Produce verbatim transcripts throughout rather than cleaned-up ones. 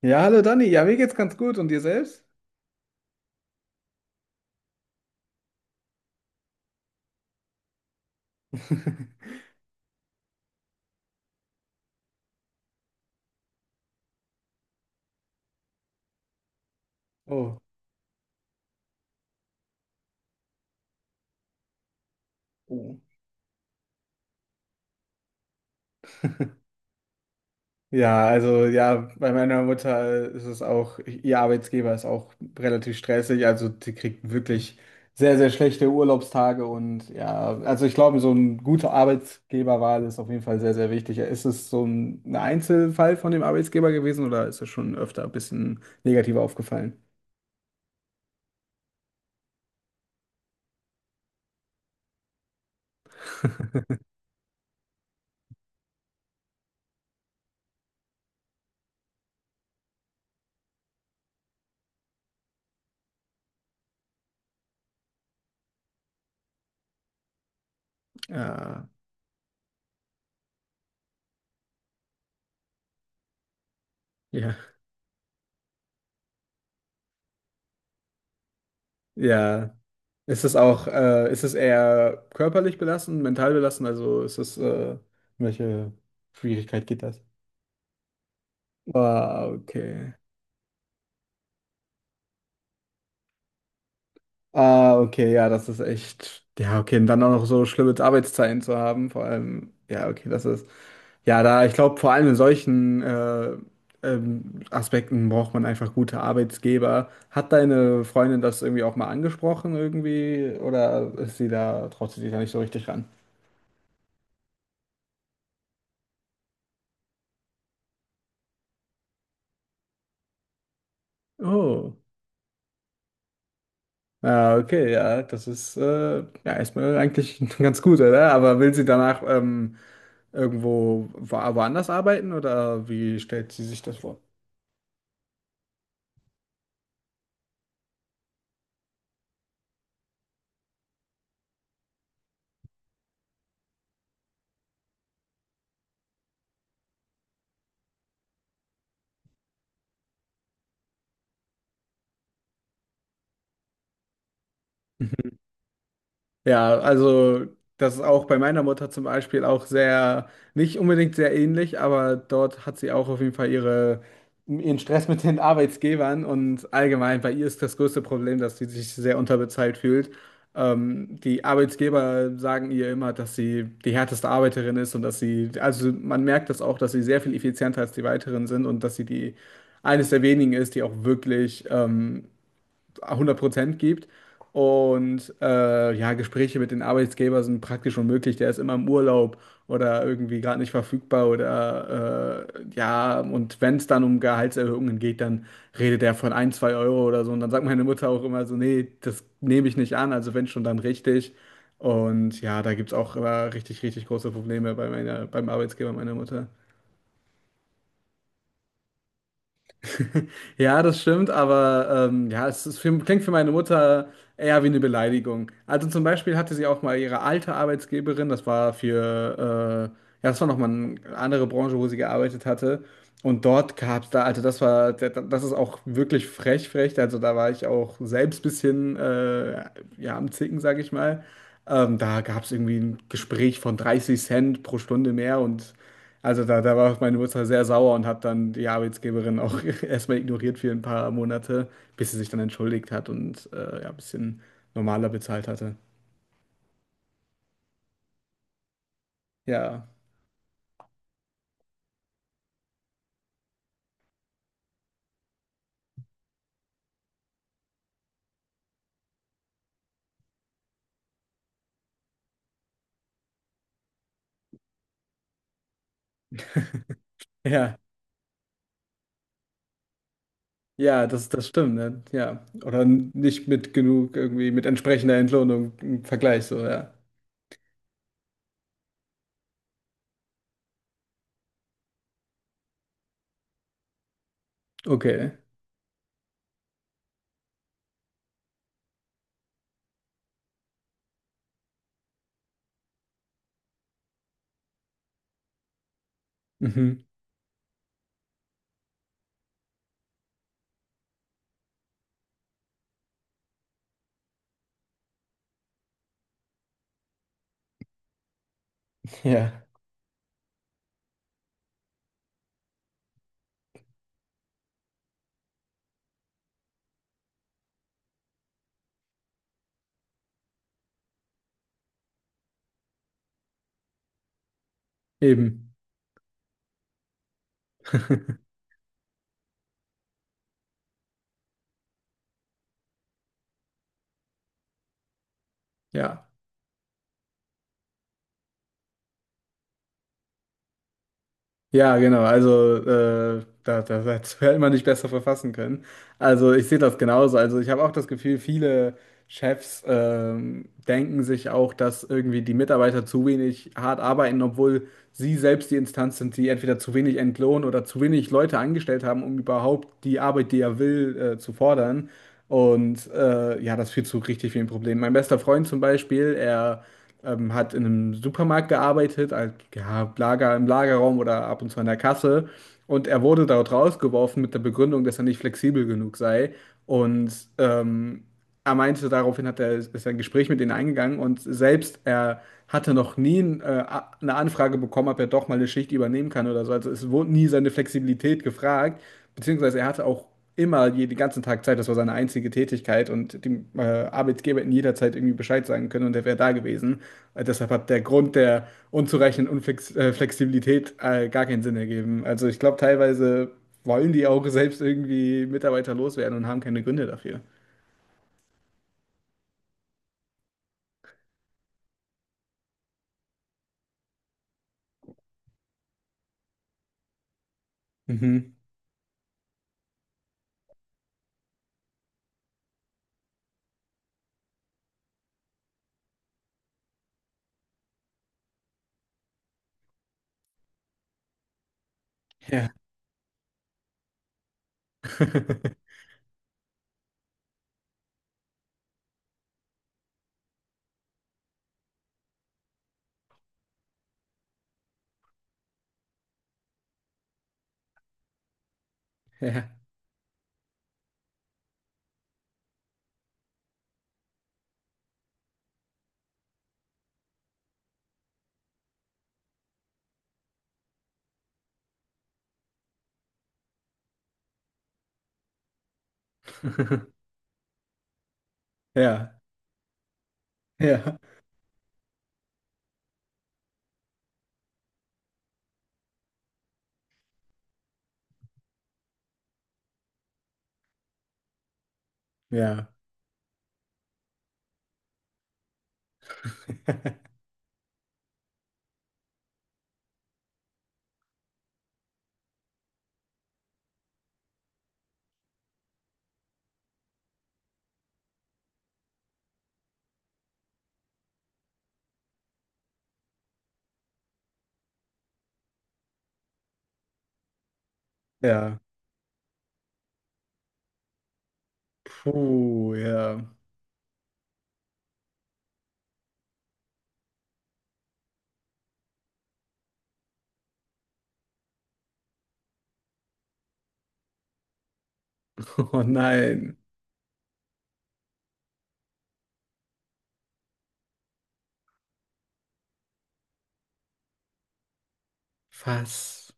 Ja, hallo Dani. Ja, mir geht's ganz gut. Und dir selbst? Oh. Oh. Ja, also ja, bei meiner Mutter ist es auch, ihr Arbeitsgeber ist auch relativ stressig. Also die kriegt wirklich sehr, sehr schlechte Urlaubstage. Und ja, also ich glaube, so eine gute Arbeitgeberwahl ist auf jeden Fall sehr, sehr wichtig. Ist es so ein ein Einzelfall von dem Arbeitsgeber gewesen oder ist es schon öfter ein bisschen negativ aufgefallen? Ah, ja. Ja. Ist es auch, äh, ist es eher körperlich belastend, mental belastend? Also ist es, äh, welche Schwierigkeit geht das? Ah, okay. Ah, okay, ja, das ist echt. Ja, okay, und dann auch noch so schlimme Arbeitszeiten zu haben, vor allem, ja, okay, das ist. Ja, da, ich glaube, vor allem in solchen äh, ähm, Aspekten braucht man einfach gute Arbeitgeber. Hat deine Freundin das irgendwie auch mal angesprochen, irgendwie? Oder ist sie da, traut sie sich da nicht so richtig ran? Oh. Ah, okay, ja, das ist äh, ja erstmal eigentlich ganz gut, oder? Aber will sie danach ähm, irgendwo wo- woanders arbeiten oder wie stellt sie sich das vor? Ja, also das ist auch bei meiner Mutter zum Beispiel auch sehr, nicht unbedingt sehr ähnlich, aber dort hat sie auch auf jeden Fall ihre, ihren Stress mit den Arbeitsgebern und allgemein bei ihr ist das größte Problem, dass sie sich sehr unterbezahlt fühlt. Ähm, die Arbeitsgeber sagen ihr immer, dass sie die härteste Arbeiterin ist und dass sie, also man merkt das auch, dass sie sehr viel effizienter als die weiteren sind und dass sie die eines der wenigen ist, die auch wirklich ähm, hundert Prozent gibt. Und äh, ja, Gespräche mit den Arbeitgebern sind praktisch unmöglich. Der ist immer im Urlaub oder irgendwie gerade nicht verfügbar oder äh, ja, und wenn es dann um Gehaltserhöhungen geht, dann redet er von ein, zwei Euro oder so. Und dann sagt meine Mutter auch immer so, nee, das nehme ich nicht an, also wenn schon, dann richtig. Und ja, da gibt es auch immer richtig, richtig große Probleme bei meiner, beim Arbeitsgeber meiner Mutter. Ja, das stimmt, aber ähm, ja, es ist für, klingt für meine Mutter eher wie eine Beleidigung. Also zum Beispiel hatte sie auch mal ihre alte Arbeitsgeberin, das war für, äh, ja, das war nochmal eine andere Branche, wo sie gearbeitet hatte. Und dort gab es da, also das war, das ist auch wirklich frech, frech. Also da war ich auch selbst ein bisschen, äh, ja, am Zicken, sag ich mal. Ähm, da gab es irgendwie ein Gespräch von dreißig Cent pro Stunde mehr und. Also da, da war meine Mutter sehr sauer und hat dann die Arbeitsgeberin auch erstmal ignoriert für ein paar Monate, bis sie sich dann entschuldigt hat und äh, ja, ein bisschen normaler bezahlt hatte. Ja, ja, ja, das, das stimmt, ne? Ja. Oder nicht mit genug irgendwie mit entsprechender Entlohnung im Vergleich, so, ja. Okay. Mhm. Ja, eben. Ja. Ja, genau. Also äh, da, da, dazu hätte man nicht besser verfassen können. Also ich sehe das genauso. Also ich habe auch das Gefühl, viele Chefs ähm, denken sich auch, dass irgendwie die Mitarbeiter zu wenig hart arbeiten, obwohl sie selbst die Instanz sind, die entweder zu wenig entlohnen oder zu wenig Leute angestellt haben, um überhaupt die Arbeit, die er will, äh, zu fordern. Und äh, ja, das führt zu richtig vielen Problemen. Mein bester Freund zum Beispiel, er ähm, hat in einem Supermarkt gearbeitet, als, ja, Lager, im Lagerraum oder ab und zu an der Kasse. Und er wurde dort rausgeworfen mit der Begründung, dass er nicht flexibel genug sei. Und ähm, er meinte, daraufhin hat er, ist er ein Gespräch mit ihnen eingegangen und selbst er hatte noch nie äh, eine Anfrage bekommen, ob er doch mal eine Schicht übernehmen kann oder so. Also es wurde nie seine Flexibilität gefragt, beziehungsweise er hatte auch immer jeden ganzen Tag Zeit. Das war seine einzige Tätigkeit und dem äh, Arbeitgeber in jeder Zeit irgendwie Bescheid sagen können und er wäre da gewesen. Äh, deshalb hat der Grund der unzureichenden Unflex äh, Flexibilität äh, gar keinen Sinn ergeben. Also ich glaube, teilweise wollen die auch selbst irgendwie Mitarbeiter loswerden und haben keine Gründe dafür. Mhm. Ja. Ja. Ja. Ja. Ja. Ja. Puh, ja. Oh nein. Was?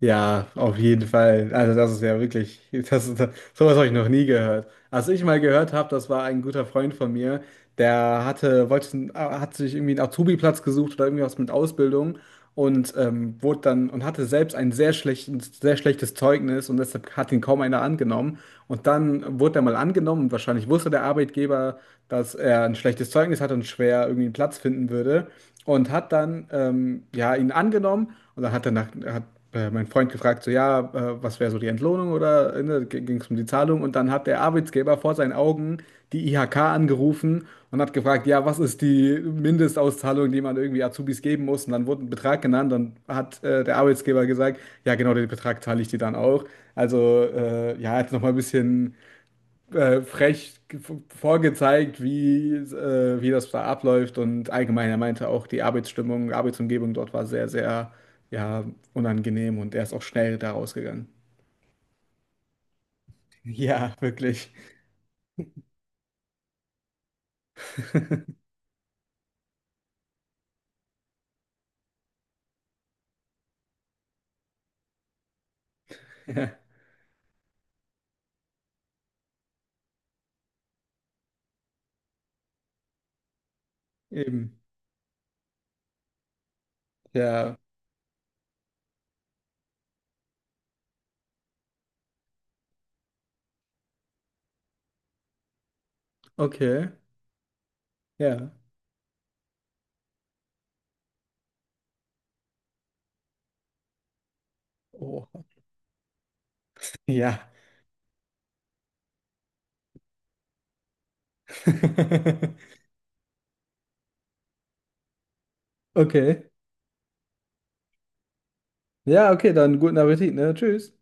Ja, auf jeden Fall. Also das ist ja wirklich, das, ist- sowas habe ich noch nie gehört. Als ich mal gehört habe, das war ein guter Freund von mir, der hatte, wollte, hat sich irgendwie einen Azubi-Platz gesucht oder irgendwie was mit Ausbildung und ähm, wurde dann und hatte selbst ein sehr schlechtes, sehr schlechtes Zeugnis und deshalb hat ihn kaum einer angenommen. Und dann wurde er mal angenommen und wahrscheinlich wusste der Arbeitgeber, dass er ein schlechtes Zeugnis hatte und schwer irgendwie einen Platz finden würde und hat dann ähm, ja ihn angenommen und dann hat er nach, hat äh, mein Freund gefragt, so ja, äh, was wäre so die Entlohnung oder äh, ne, ging es um die Zahlung? Und dann hat der Arbeitgeber vor seinen Augen die I H K angerufen und hat gefragt, ja, was ist die Mindestauszahlung, die man irgendwie Azubis geben muss? Und dann wurde ein Betrag genannt und hat äh, der Arbeitgeber gesagt, ja, genau den Betrag zahle ich dir dann auch. Also äh, ja, jetzt nochmal ein bisschen äh, frech ge- vorgezeigt, wie, äh, wie das da abläuft. Und allgemein, er meinte auch, die Arbeitsstimmung, Arbeitsumgebung dort war sehr, sehr, ja, unangenehm und er ist auch schnell da rausgegangen. Ja, wirklich. Ja, eben. Ja, okay. Ja. Oh, ja. Okay. Ja, okay, dann guten Appetit, ne? Tschüss.